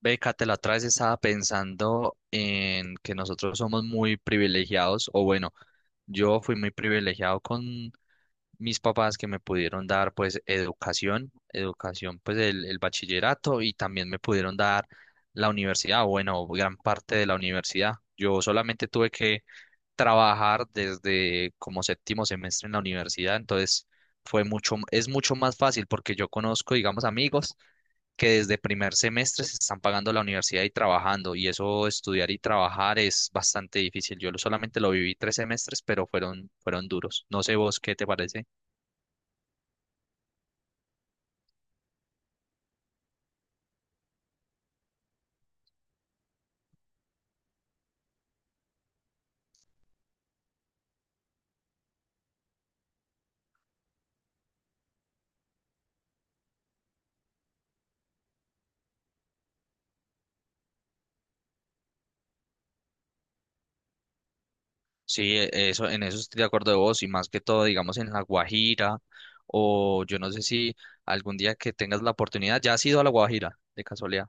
Bécate, la otra vez estaba pensando en que nosotros somos muy privilegiados, o bueno, yo fui muy privilegiado con mis papás que me pudieron dar pues educación, educación pues el bachillerato y también me pudieron dar la universidad, o bueno, gran parte de la universidad. Yo solamente tuve que trabajar desde como séptimo semestre en la universidad, entonces fue mucho, es mucho más fácil porque yo conozco, digamos, amigos que desde primer semestre se están pagando la universidad y trabajando, y eso estudiar y trabajar es bastante difícil. Solamente lo viví 3 semestres, pero fueron duros. No sé vos qué te parece. Sí, eso, en eso estoy de acuerdo de vos, y más que todo, digamos, en La Guajira, o yo no sé si algún día que tengas la oportunidad, ¿ya has ido a La Guajira, de casualidad?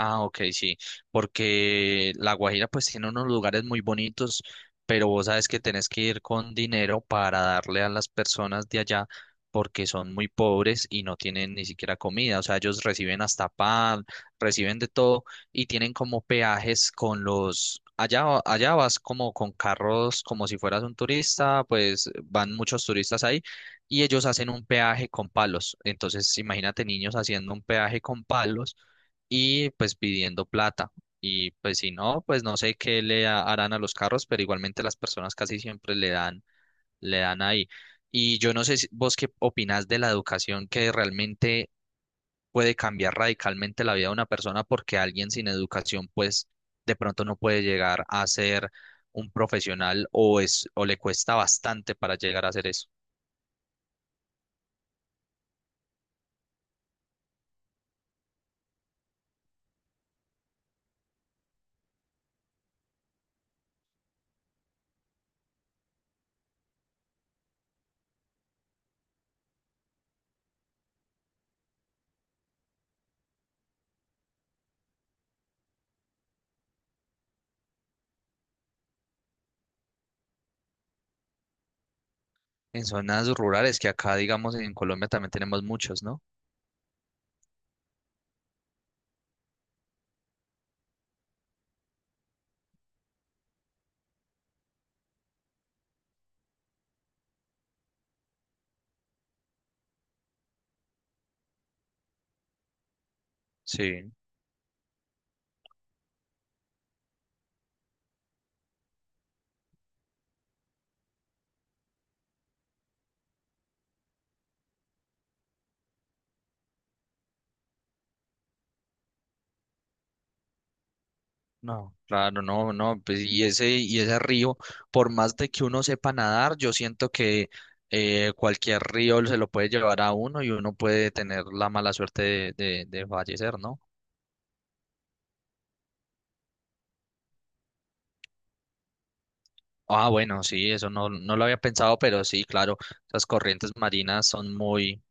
Ah, ok, sí, porque La Guajira pues tiene unos lugares muy bonitos, pero vos sabes que tenés que ir con dinero para darle a las personas de allá porque son muy pobres y no tienen ni siquiera comida, o sea, ellos reciben hasta pan, reciben de todo y tienen como peajes con los... Allá, allá vas como con carros, como si fueras un turista, pues van muchos turistas ahí y ellos hacen un peaje con palos. Entonces, imagínate niños haciendo un peaje con palos y pues pidiendo plata. Y pues si no, pues no sé qué harán a los carros, pero igualmente las personas casi siempre le dan ahí. Y yo no sé vos qué opinás de la educación que realmente puede cambiar radicalmente la vida de una persona porque alguien sin educación pues de pronto no puede llegar a ser un profesional o es o le cuesta bastante para llegar a hacer eso. En zonas rurales que acá digamos en Colombia también tenemos muchos, ¿no? Sí. No, claro, no, no, pues y ese río, por más de que uno sepa nadar, yo siento que cualquier río se lo puede llevar a uno y uno puede tener la mala suerte de fallecer, ¿no? Ah, bueno, sí, eso no, no lo había pensado, pero sí, claro, las corrientes marinas son muy,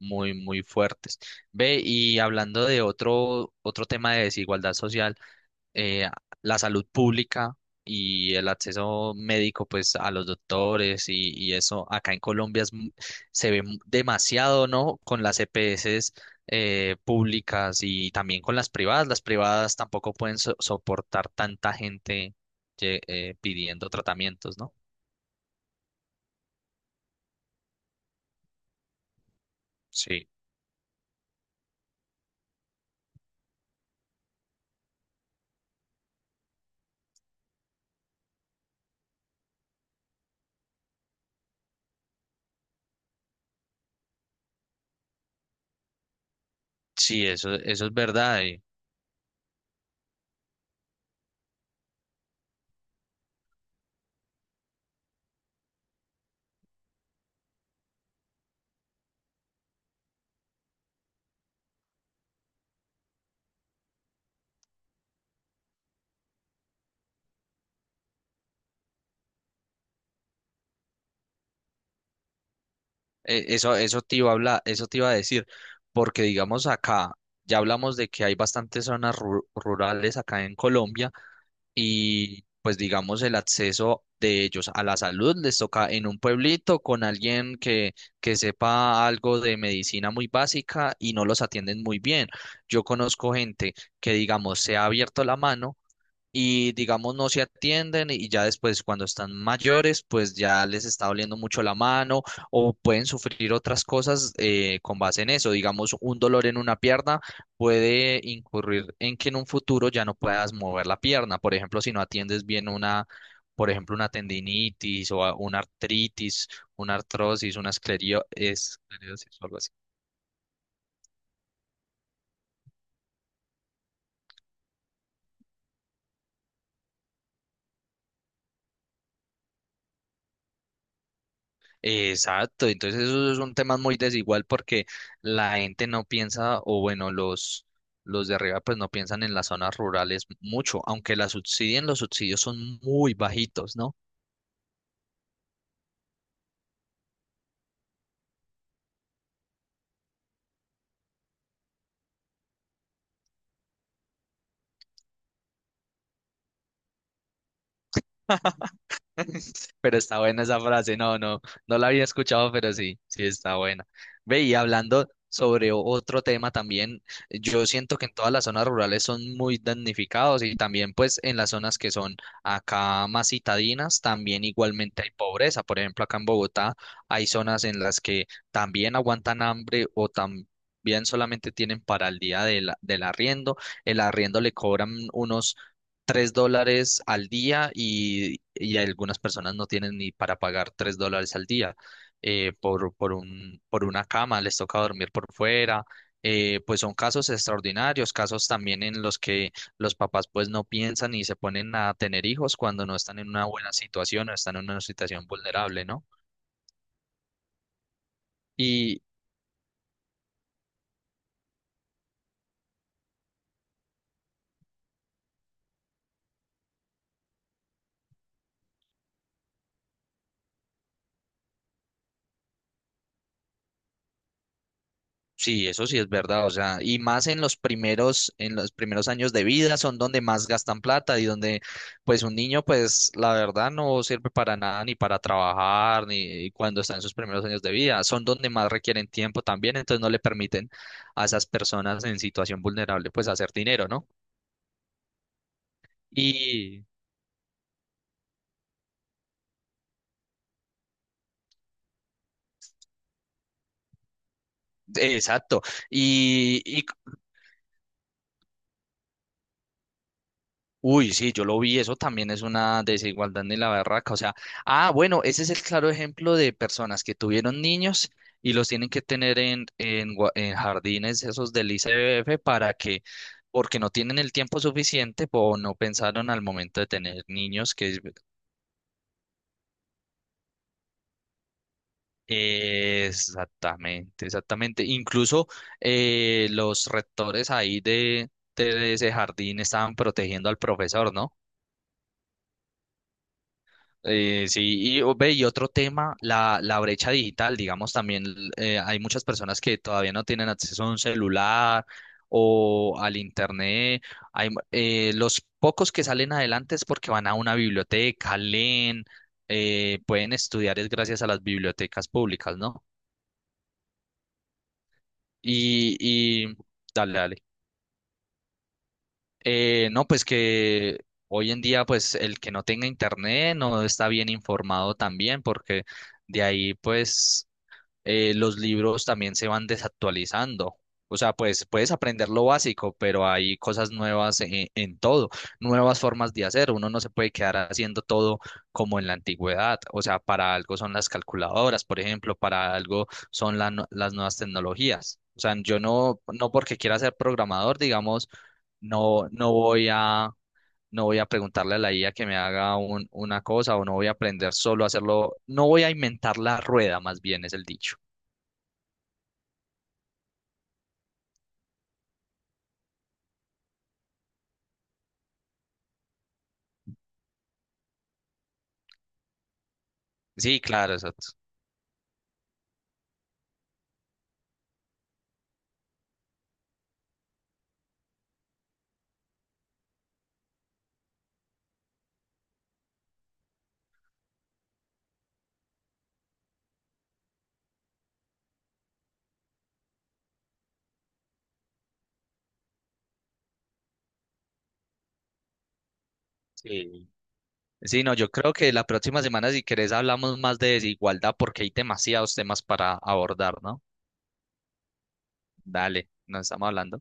muy, muy fuertes. Ve, y hablando de otro, otro tema de desigualdad social. eh, la salud pública y el acceso médico pues a los doctores y eso acá en Colombia se ve demasiado, ¿no? Con las EPS públicas y también con las privadas. Las privadas tampoco pueden soportar tanta gente pidiendo tratamientos, ¿no? Sí, sí, eso es verdad. Eso, eso te iba a hablar, eso te iba a decir, porque digamos acá, ya hablamos de que hay bastantes zonas rurales acá en Colombia y pues digamos el acceso de ellos a la salud les toca en un pueblito con alguien que sepa algo de medicina muy básica y no los atienden muy bien. Yo conozco gente que digamos se ha abierto la mano y digamos no se atienden y ya después cuando están mayores pues ya les está doliendo mucho la mano o pueden sufrir otras cosas con base en eso. Digamos un dolor en una pierna puede incurrir en que en un futuro ya no puedas mover la pierna. Por ejemplo, si no atiendes bien una, por ejemplo, una tendinitis o una artritis, una artrosis, una esclerosis o algo así. Exacto, entonces esos son temas muy desigual porque la gente no piensa, o bueno, los de arriba pues no piensan en las zonas rurales mucho, aunque las subsidien, los subsidios son muy bajitos, ¿no? Pero está buena esa frase, no, no, no la había escuchado, pero sí, sí está buena. Ve, y hablando sobre otro tema también, yo siento que en todas las zonas rurales son muy damnificados y también pues en las zonas que son acá más citadinas, también igualmente hay pobreza. Por ejemplo, acá en Bogotá hay zonas en las que también aguantan hambre o también solamente tienen para el día de del arriendo, el arriendo le cobran unos 3 dólares al día y algunas personas no tienen ni para pagar 3 dólares al día por una cama, les toca dormir por fuera. Pues son casos extraordinarios, casos también en los que los papás pues no piensan y se ponen a tener hijos cuando no están en una buena situación o están en una situación vulnerable, ¿no? Sí, eso sí es verdad, o sea, y más en los primeros años de vida son donde más gastan plata y donde, pues, un niño, pues, la verdad no sirve para nada, ni para trabajar, ni cuando está en sus primeros años de vida, son donde más requieren tiempo también, entonces no le permiten a esas personas en situación vulnerable, pues, hacer dinero, ¿no? Y, exacto, y, Uy, sí, yo lo vi, eso también es una desigualdad ni la barraca, o sea, ah, bueno, ese es el claro ejemplo de personas que tuvieron niños y los tienen que tener en, en jardines esos del ICBF para que, porque no tienen el tiempo suficiente o no pensaron al momento de tener niños que es- Exactamente, exactamente. Incluso los rectores ahí de ese jardín estaban protegiendo al profesor, ¿no? Sí, y, ve, y otro tema, la brecha digital, digamos, también hay muchas personas que todavía no tienen acceso a un celular o al internet. Hay, los pocos que salen adelante es porque van a una biblioteca, leen, pueden estudiar es gracias a las bibliotecas públicas, ¿no? Y dale, dale. No, pues que hoy en día, pues el que no tenga internet no está bien informado también porque... De ahí, pues, los libros también se van desactualizando. O sea, pues puedes aprender lo básico, pero hay cosas nuevas en todo, nuevas formas de hacer. Uno no se puede quedar haciendo todo como en la antigüedad. O sea, para algo son las calculadoras, por ejemplo, para algo son las nuevas tecnologías. O sea, yo no, no porque quiera ser programador, digamos, no, no voy a, no voy a preguntarle a la IA que me haga una cosa o no voy a aprender solo a hacerlo, no voy a inventar la rueda, más bien es el dicho. Sí, claro, exacto. Sí. Sí, no, yo creo que la próxima semana, si querés, hablamos más de desigualdad porque hay demasiados temas para abordar, ¿no? Dale, nos estamos hablando.